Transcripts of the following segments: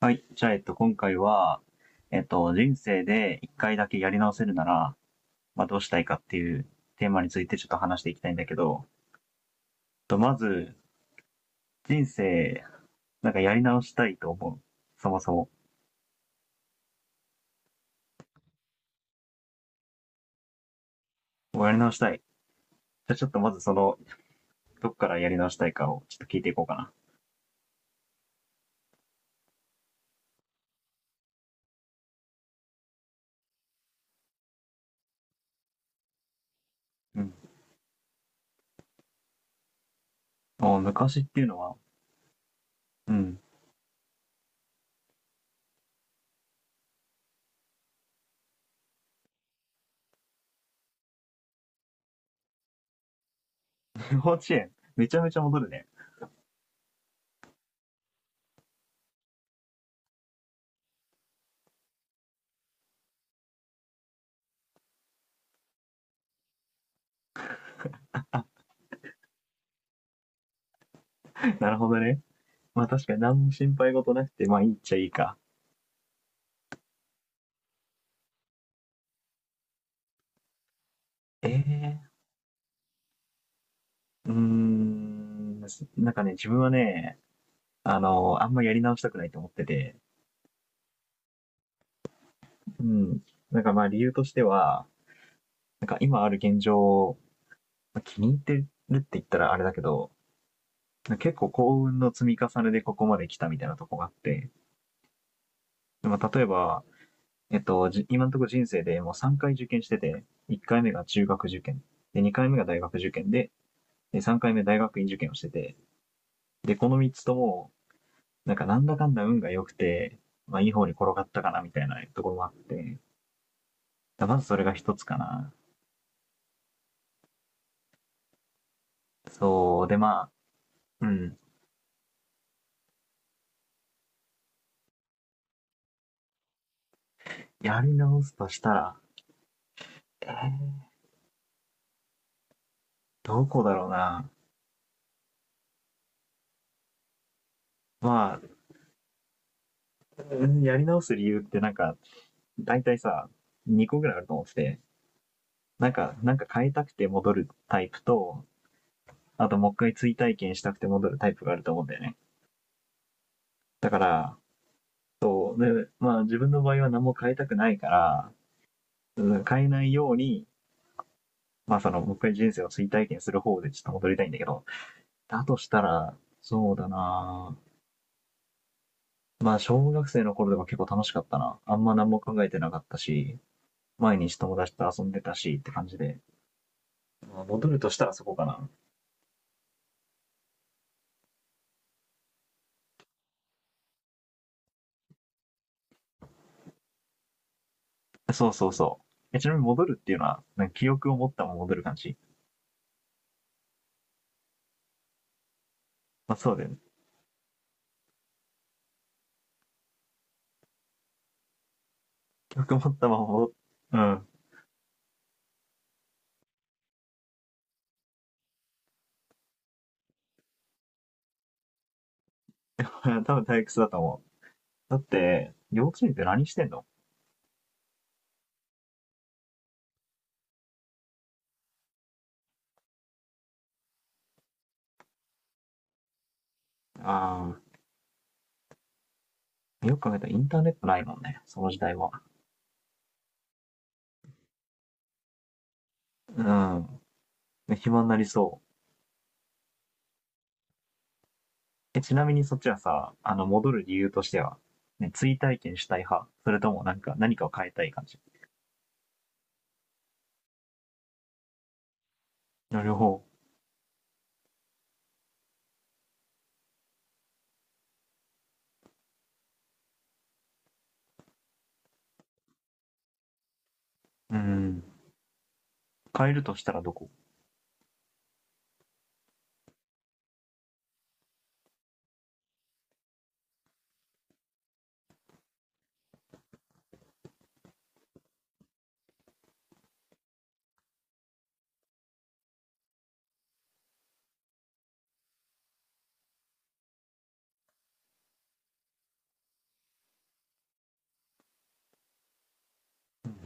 はい。じゃあ、今回は、人生で一回だけやり直せるなら、まあ、どうしたいかっていうテーマについてちょっと話していきたいんだけど、とまず、人生、なんかやり直したいと思う？そもそも。もうやり直したい。じゃあ、ちょっとまずその、どっからやり直したいかをちょっと聞いていこうかな。うん。昔っていうのは？うん。幼稚園。めちゃめちゃ戻るね。なるほどね。まあ、確かに何も心配事なくて、まあ、いいっちゃいいか。ええー。うーん。なんかね、自分はね、あんまやり直したくないと思ってて、うん。なんかまあ理由としては、なんか今ある現状、気に入ってるって言ったらあれだけど、結構幸運の積み重ねでここまで来たみたいなとこがあって、まあ例えば、今のところ人生でもう3回受験してて、1回目が中学受験、で、2回目が大学受験で、3回目大学院受験をしてて、で、この3つとも、なんかなんだかんだ運が良くて、まあいい方に転がったかなみたいなところもあって、まずそれが一つかな。そう、でまあ、うん、やり直すとしたら、えーどこだろうな。まあ、うんやり直す理由ってなんか、大体さ、2個ぐらいあると思ってて、なんか変えたくて戻るタイプと、あともう一回追体験したくて戻るタイプがあると思うんだよね。だから、こうでまあ自分の場合は何も変えたくないから、うん変えないように、まあその、もう一回人生を追体験する方でちょっと戻りたいんだけど、だとしたら、そうだなぁまあ、小学生の頃でも結構楽しかったな。あんま何も考えてなかったし、毎日友達と遊んでたしって感じで。まあ戻るとしたらそこかな。そうそうそう。ちなみに戻るっていうのは、なんか記憶を持ったまま戻る感じ？まあ、そうだよね。記憶を持ったまま戻っ、うん。多分退屈だと思う。だって、幼稚園って何してんの？ああ、よく考えたらインターネットないもんね。その時代は。うん。暇になりそう。ちなみにそっちはさ、戻る理由としては、ね、追体験したい派それともなんか、何かを変えたい感じ？なるほど。うん。変えるとしたらどこ？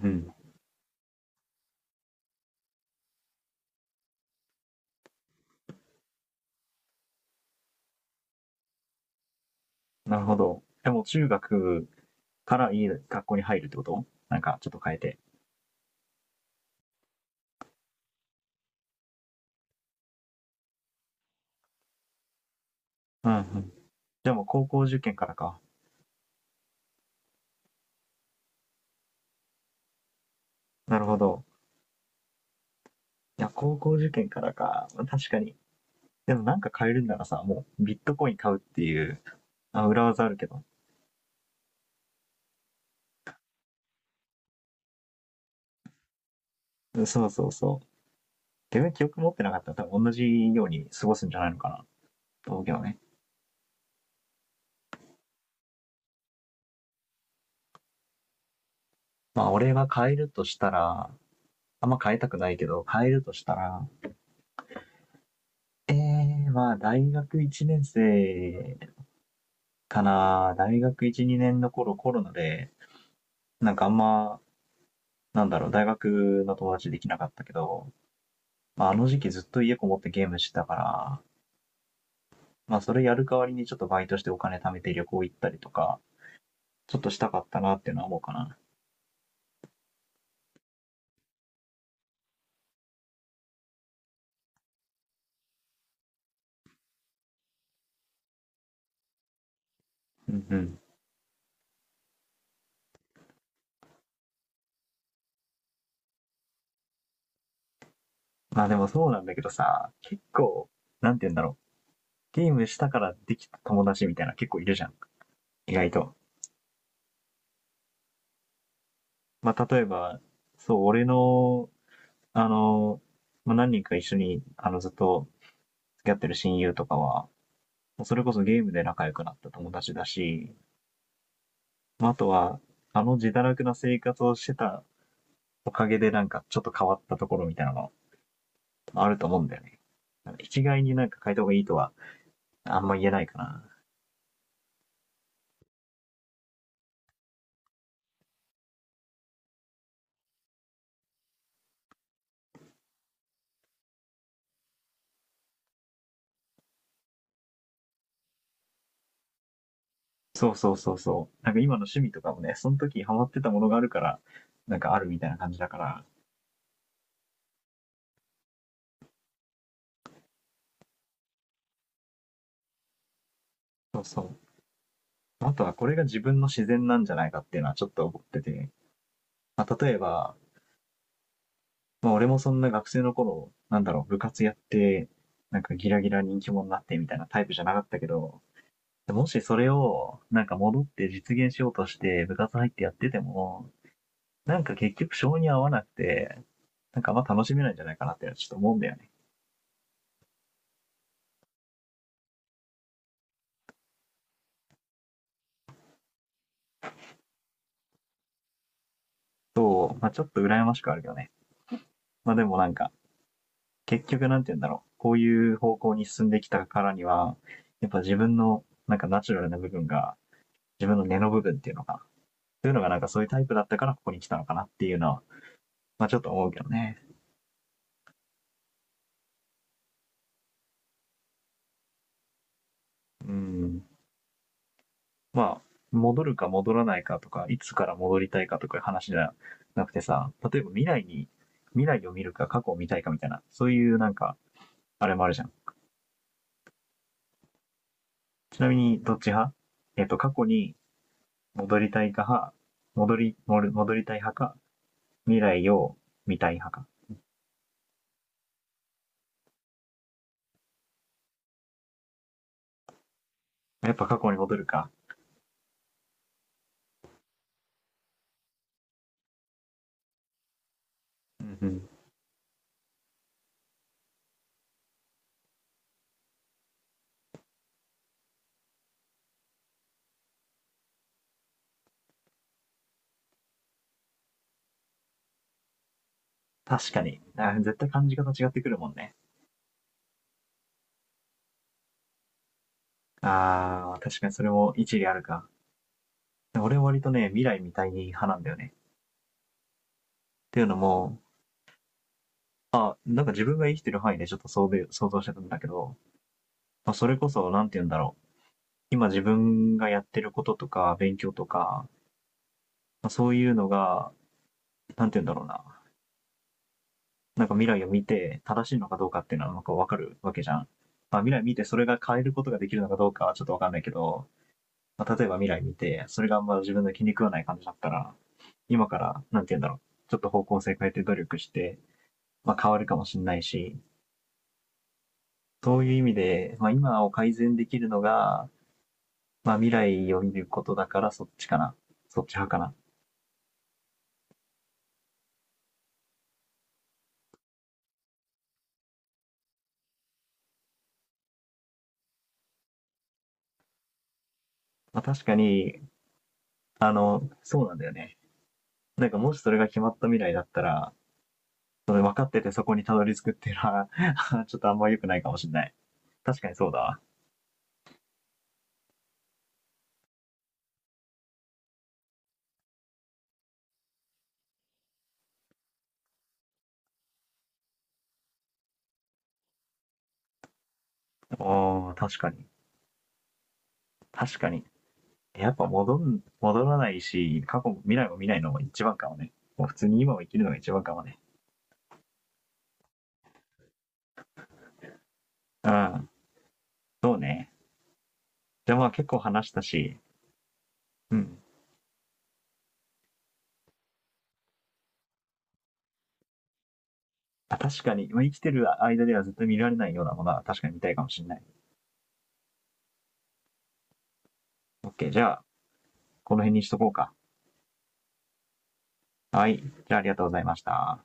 うん。なるほど。でも中学からいい学校に入るってことなんか、ちょっと変えて。うんうん。で、もう高校受験からか。なるほど。いや、高校受験からか。確かに。でもなんか変えるんならさ、もうビットコイン買うっていう、あ、裏技あるけど。そうそうそう。自分記憶持ってなかったら多分同じように過ごすんじゃないのかな。道京をね。まあ、俺が変えるとしたら、あんま変えたくないけど、変えるとしたら、まあ、大学1年生かな。大学1、2年の頃コロナで、なんかあんま、なんだろう、大学の友達できなかったけど、まあ、あの時期ずっと家こもってゲームしてたから、まあ、それやる代わりにちょっとバイトしてお金貯めて旅行行ったりとか、ちょっとしたかったなっていうのは思うかな。うんうん。まあでもそうなんだけどさ、結構、なんて言うんだろう。ゲームしたからできた友達みたいな結構いるじゃん。意外と。まあ、例えば、そう、俺の、あの、まあ、何人か一緒に、ずっと付き合ってる親友とかは、それこそゲームで仲良くなった友達だし、まあ、あとは、あの自堕落な生活をしてたおかげでなんかちょっと変わったところみたいなのあると思うんだよね。一概になんか変えた方がいいとはあんま言えないかな。そうそうそうそう。なんか今の趣味とかもね、その時ハマってたものがあるから、なんかあるみたいな感じだから、そうそう。あとはこれが自分の自然なんじゃないかっていうのはちょっと思ってて、まあ、例えば、まあ、俺もそんな学生の頃、なんだろう、部活やって、なんかギラギラ人気者になってみたいなタイプじゃなかったけど、もしそれをなんか戻って実現しようとして部活入ってやってても、なんか結局性に合わなくて、なんかあんま楽しめないんじゃないかなってちょっと思うんだよね。そう、まあちょっと羨ましくはあるけどね。まあでもなんか、結局なんて言うんだろう、こういう方向に進んできたからには、やっぱ自分のなんかナチュラルな部分が、自分の根の部分っていうのが、そういうのがなんかそういうタイプだったからここに来たのかなっていうのは、まあちょっと思うけどね。うん。まあ、戻るか戻らないかとか、いつから戻りたいかとかいう話じゃなくてさ、例えば未来に、未来を見るか過去を見たいかみたいな、そういうなんか、あれもあるじゃん。ちなみにどっち派？過去に戻りたいか派、戻りたい派か、未来を見たい派か。やっぱ過去に戻るか。うんうん。確かに。あ、絶対感じ方違ってくるもんね。ああ、確かにそれも一理あるか。俺は割とね、未来みたい派なんだよね。っていうのも、なんか自分が生きてる範囲でちょっと想像してたんだけど、まあ、それこそ、なんて言うんだろう。今自分がやってることとか、勉強とか、まあ、そういうのが、なんて言うんだろうな。なんか未来を見て正しいのかどうかっていうのはなんかわかるわけじゃん。まあ未来見てそれが変えることができるのかどうかはちょっとわかんないけど、まあ、例えば未来見て、それがあんま自分の気に食わない感じだったら、今から、なんて言うんだろう、ちょっと方向性変えて努力して、まあ、変わるかもしれないし、そういう意味で、まあ、今を改善できるのが、まあ、未来を見ることだからそっちかな。そっち派かな。まあ、確かに、そうなんだよね。なんかもしそれが決まった未来だったら、それ分かっててそこにたどり着くっていうのは、ちょっとあんま良くないかもしれない。確かにそうだ。ああ、確かに。確かに。やっぱ戻らないし、過去も未来も見ないのも一番かもね。もう普通に今を生きるのが一番かもね。うん。そうね。でもまあ結構話したし、うん。あ、確かに、まあ、生きてる間では絶対見られないようなものは確かに見たいかもしれない。OK。じゃあ、この辺にしとこうか。はい。じゃあありがとうございました。